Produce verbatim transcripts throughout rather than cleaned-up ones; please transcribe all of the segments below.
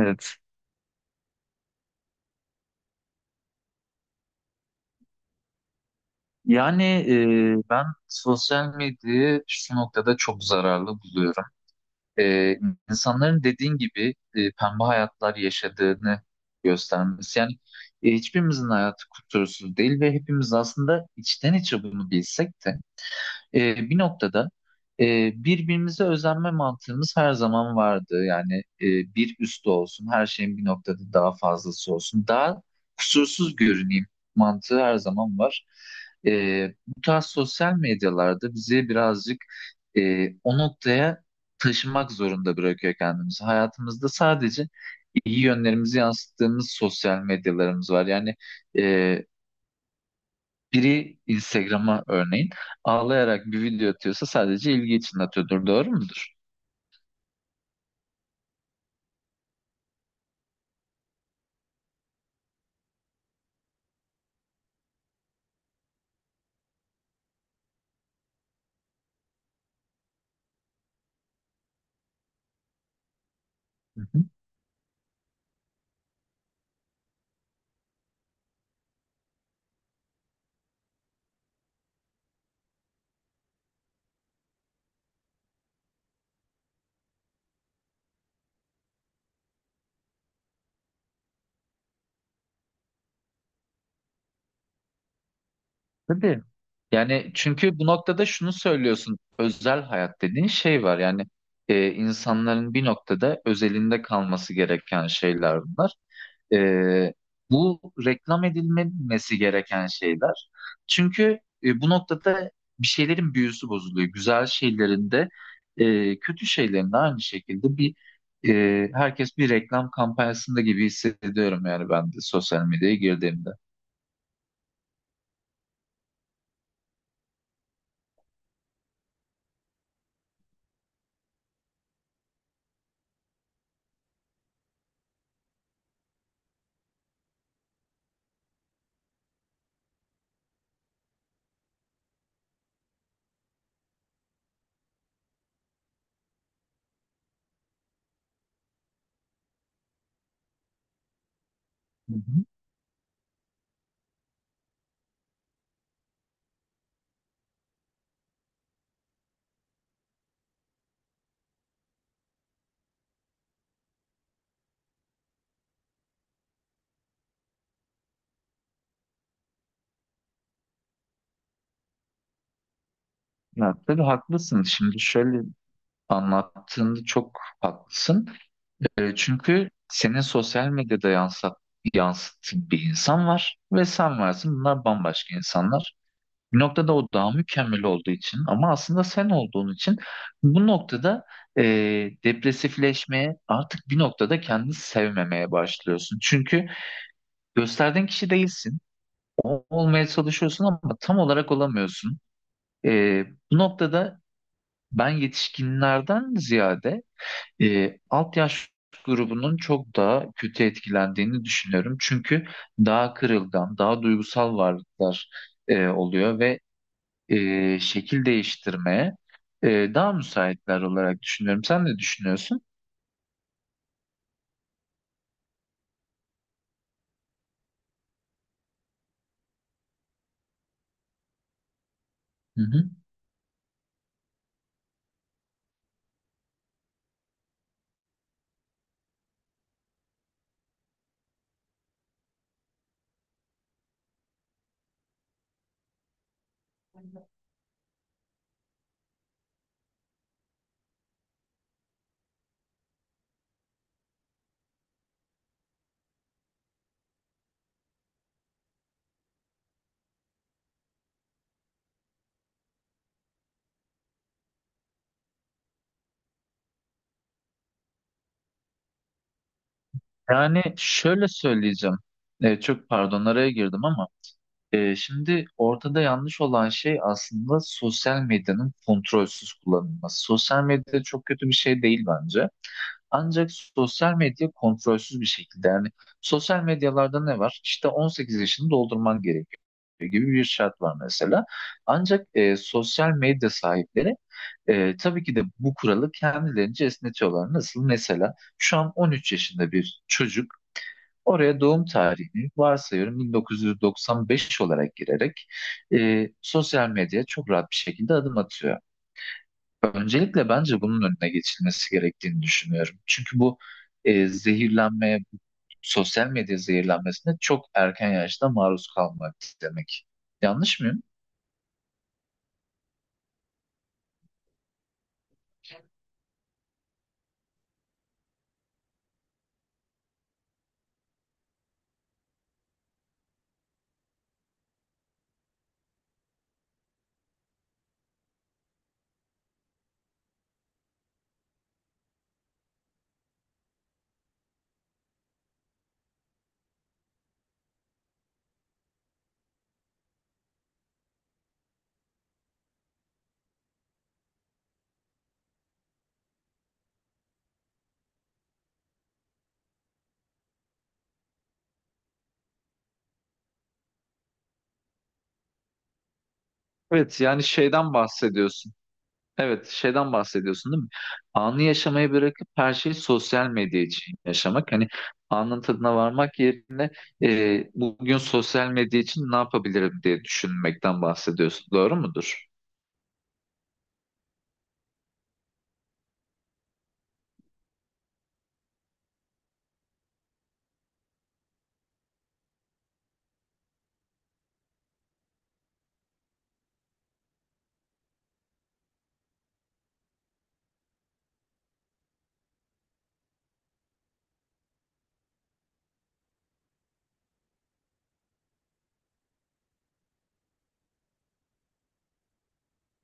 Evet. Yani e, ben sosyal medyayı şu noktada çok zararlı buluyorum. E, insanların dediğin gibi e, pembe hayatlar yaşadığını göstermesi. Yani e, hiçbirimizin hayatı kusursuz değil ve hepimiz aslında içten içe bunu bilsek de e, bir noktada e, birbirimize özenme mantığımız her zaman vardı. Yani e, bir üstü olsun, her şeyin bir noktada daha fazlası olsun, daha kusursuz görüneyim mantığı her zaman var. E, bu tarz sosyal medyalarda bizi birazcık e, o noktaya taşımak zorunda bırakıyor kendimizi. Hayatımızda sadece iyi yönlerimizi yansıttığımız sosyal medyalarımız var. Yani e, Biri Instagram'a örneğin ağlayarak bir video atıyorsa sadece ilgi için atıyordur. Doğru mudur? Hı hı. Tabii. Yani çünkü bu noktada şunu söylüyorsun. Özel hayat dediğin şey var. Yani e, insanların bir noktada özelinde kalması gereken şeyler bunlar. Ee, Bu reklam edilmemesi gereken şeyler. Çünkü e, bu noktada bir şeylerin büyüsü bozuluyor. Güzel şeylerin de e, kötü şeylerin de aynı şekilde bir e, herkes bir reklam kampanyasında gibi hissediyorum yani ben de sosyal medyaya girdiğimde. Hı hı. Ya, tabii haklısın. Şimdi şöyle anlattığında çok haklısın. E, çünkü senin sosyal medyada yansıt, yansıttığın bir insan var ve sen varsın. Bunlar bambaşka insanlar. Bir noktada o daha mükemmel olduğu için ama aslında sen olduğun için bu noktada e, depresifleşmeye artık bir noktada kendini sevmemeye başlıyorsun. Çünkü gösterdiğin kişi değilsin. O olmaya çalışıyorsun ama tam olarak olamıyorsun. E, Bu noktada ben yetişkinlerden ziyade e, alt yaş grubunun çok daha kötü etkilendiğini düşünüyorum. Çünkü daha kırılgan, daha duygusal varlıklar e, oluyor ve e, şekil değiştirmeye e, daha müsaitler olarak düşünüyorum. Sen ne düşünüyorsun? Hı hı. Yani şöyle söyleyeceğim. E, çok pardon araya girdim ama e, şimdi ortada yanlış olan şey aslında sosyal medyanın kontrolsüz kullanılması. Sosyal medya çok kötü bir şey değil bence. Ancak sosyal medya kontrolsüz bir şekilde yani sosyal medyalarda ne var? İşte on sekiz yaşını doldurman gerekiyor gibi bir şart var mesela. Ancak e, sosyal medya sahipleri. Ee, tabii ki de bu kuralı kendilerince esnetiyorlar. Nasıl? Mesela şu an on üç yaşında bir çocuk oraya doğum tarihini varsayıyorum bin dokuz yüz doksan beş olarak girerek e, sosyal medyaya çok rahat bir şekilde adım atıyor. Öncelikle bence bunun önüne geçilmesi gerektiğini düşünüyorum. Çünkü bu e, zehirlenmeye, bu sosyal medya zehirlenmesine çok erken yaşta maruz kalmak demek. Yanlış mıyım? Evet, yani şeyden bahsediyorsun. Evet, şeyden bahsediyorsun değil mi? Anı yaşamayı bırakıp her şeyi sosyal medya için yaşamak. Hani anın tadına varmak yerine e, bugün sosyal medya için ne yapabilirim diye düşünmekten bahsediyorsun. Doğru mudur?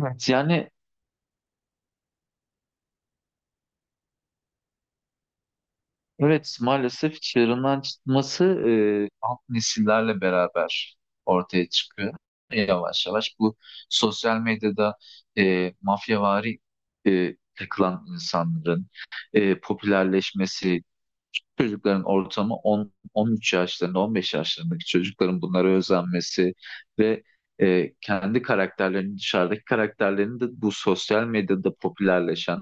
Evet. Yani evet maalesef çığırından çıkması e, alt nesillerle beraber ortaya çıkıyor. Yavaş yavaş bu sosyal medyada e, mafyavari e, takılan insanların e, popülerleşmesi, küçük çocukların ortamı on, on üç yaşlarında, on beş yaşlarındaki çocukların bunlara özenmesi ve e, kendi karakterlerini, dışarıdaki karakterlerini de bu sosyal medyada popülerleşen,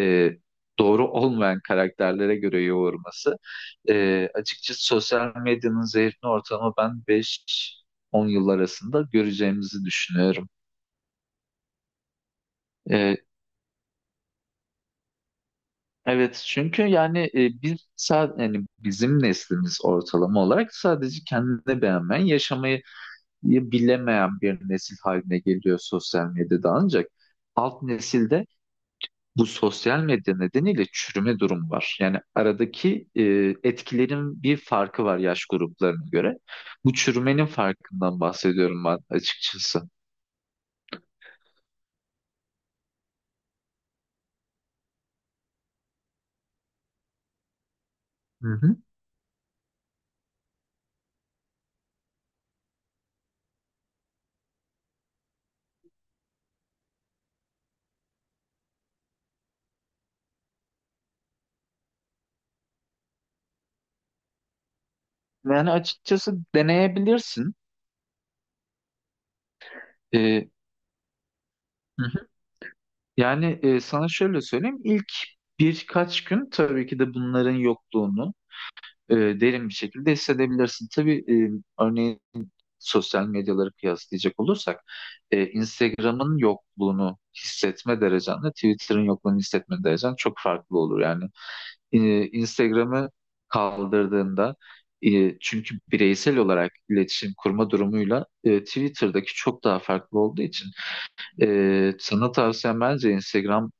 e, doğru olmayan karakterlere göre yoğurması. E, açıkçası sosyal medyanın zehirli ortamı ben beş on yıl arasında göreceğimizi düşünüyorum. E, Evet çünkü yani e, biz sadece yani bizim neslimiz ortalama olarak sadece kendini beğenmeyen, yaşamayı bilemeyen bir nesil haline geliyor sosyal medyada ancak alt nesilde bu sosyal medya nedeniyle çürüme durumu var. Yani aradaki e, etkilerin bir farkı var yaş gruplarına göre. Bu çürümenin farkından bahsediyorum ben açıkçası. Hı hı. Yani açıkçası deneyebilirsin. E, hı hı. Yani e, sana şöyle söyleyeyim. İlk birkaç gün tabii ki de bunların yokluğunu e, derin bir şekilde hissedebilirsin. Tabii e, örneğin sosyal medyaları kıyaslayacak olursak e, Instagram'ın yokluğunu hissetme derecenle Twitter'ın yokluğunu hissetme derecen çok farklı olur. Yani e, Instagram'ı kaldırdığında e, çünkü bireysel olarak iletişim kurma durumuyla e, Twitter'daki çok daha farklı olduğu için e, sana tavsiyem bence Instagram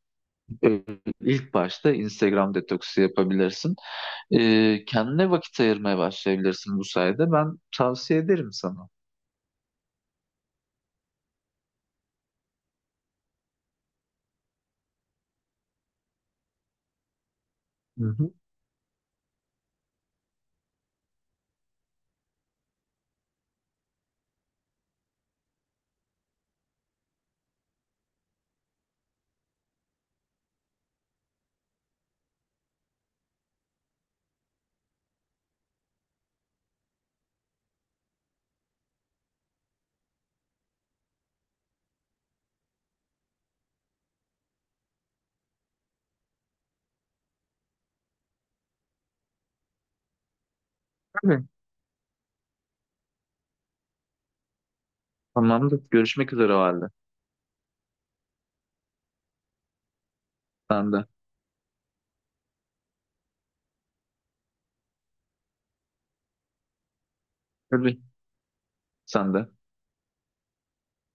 e, ilk başta Instagram detoksu yapabilirsin. E, kendine vakit ayırmaya başlayabilirsin bu sayede. Ben tavsiye ederim sana. Hı hı. Tamamdır. Görüşmek üzere o halde. Sen de. Tabii. Sen de.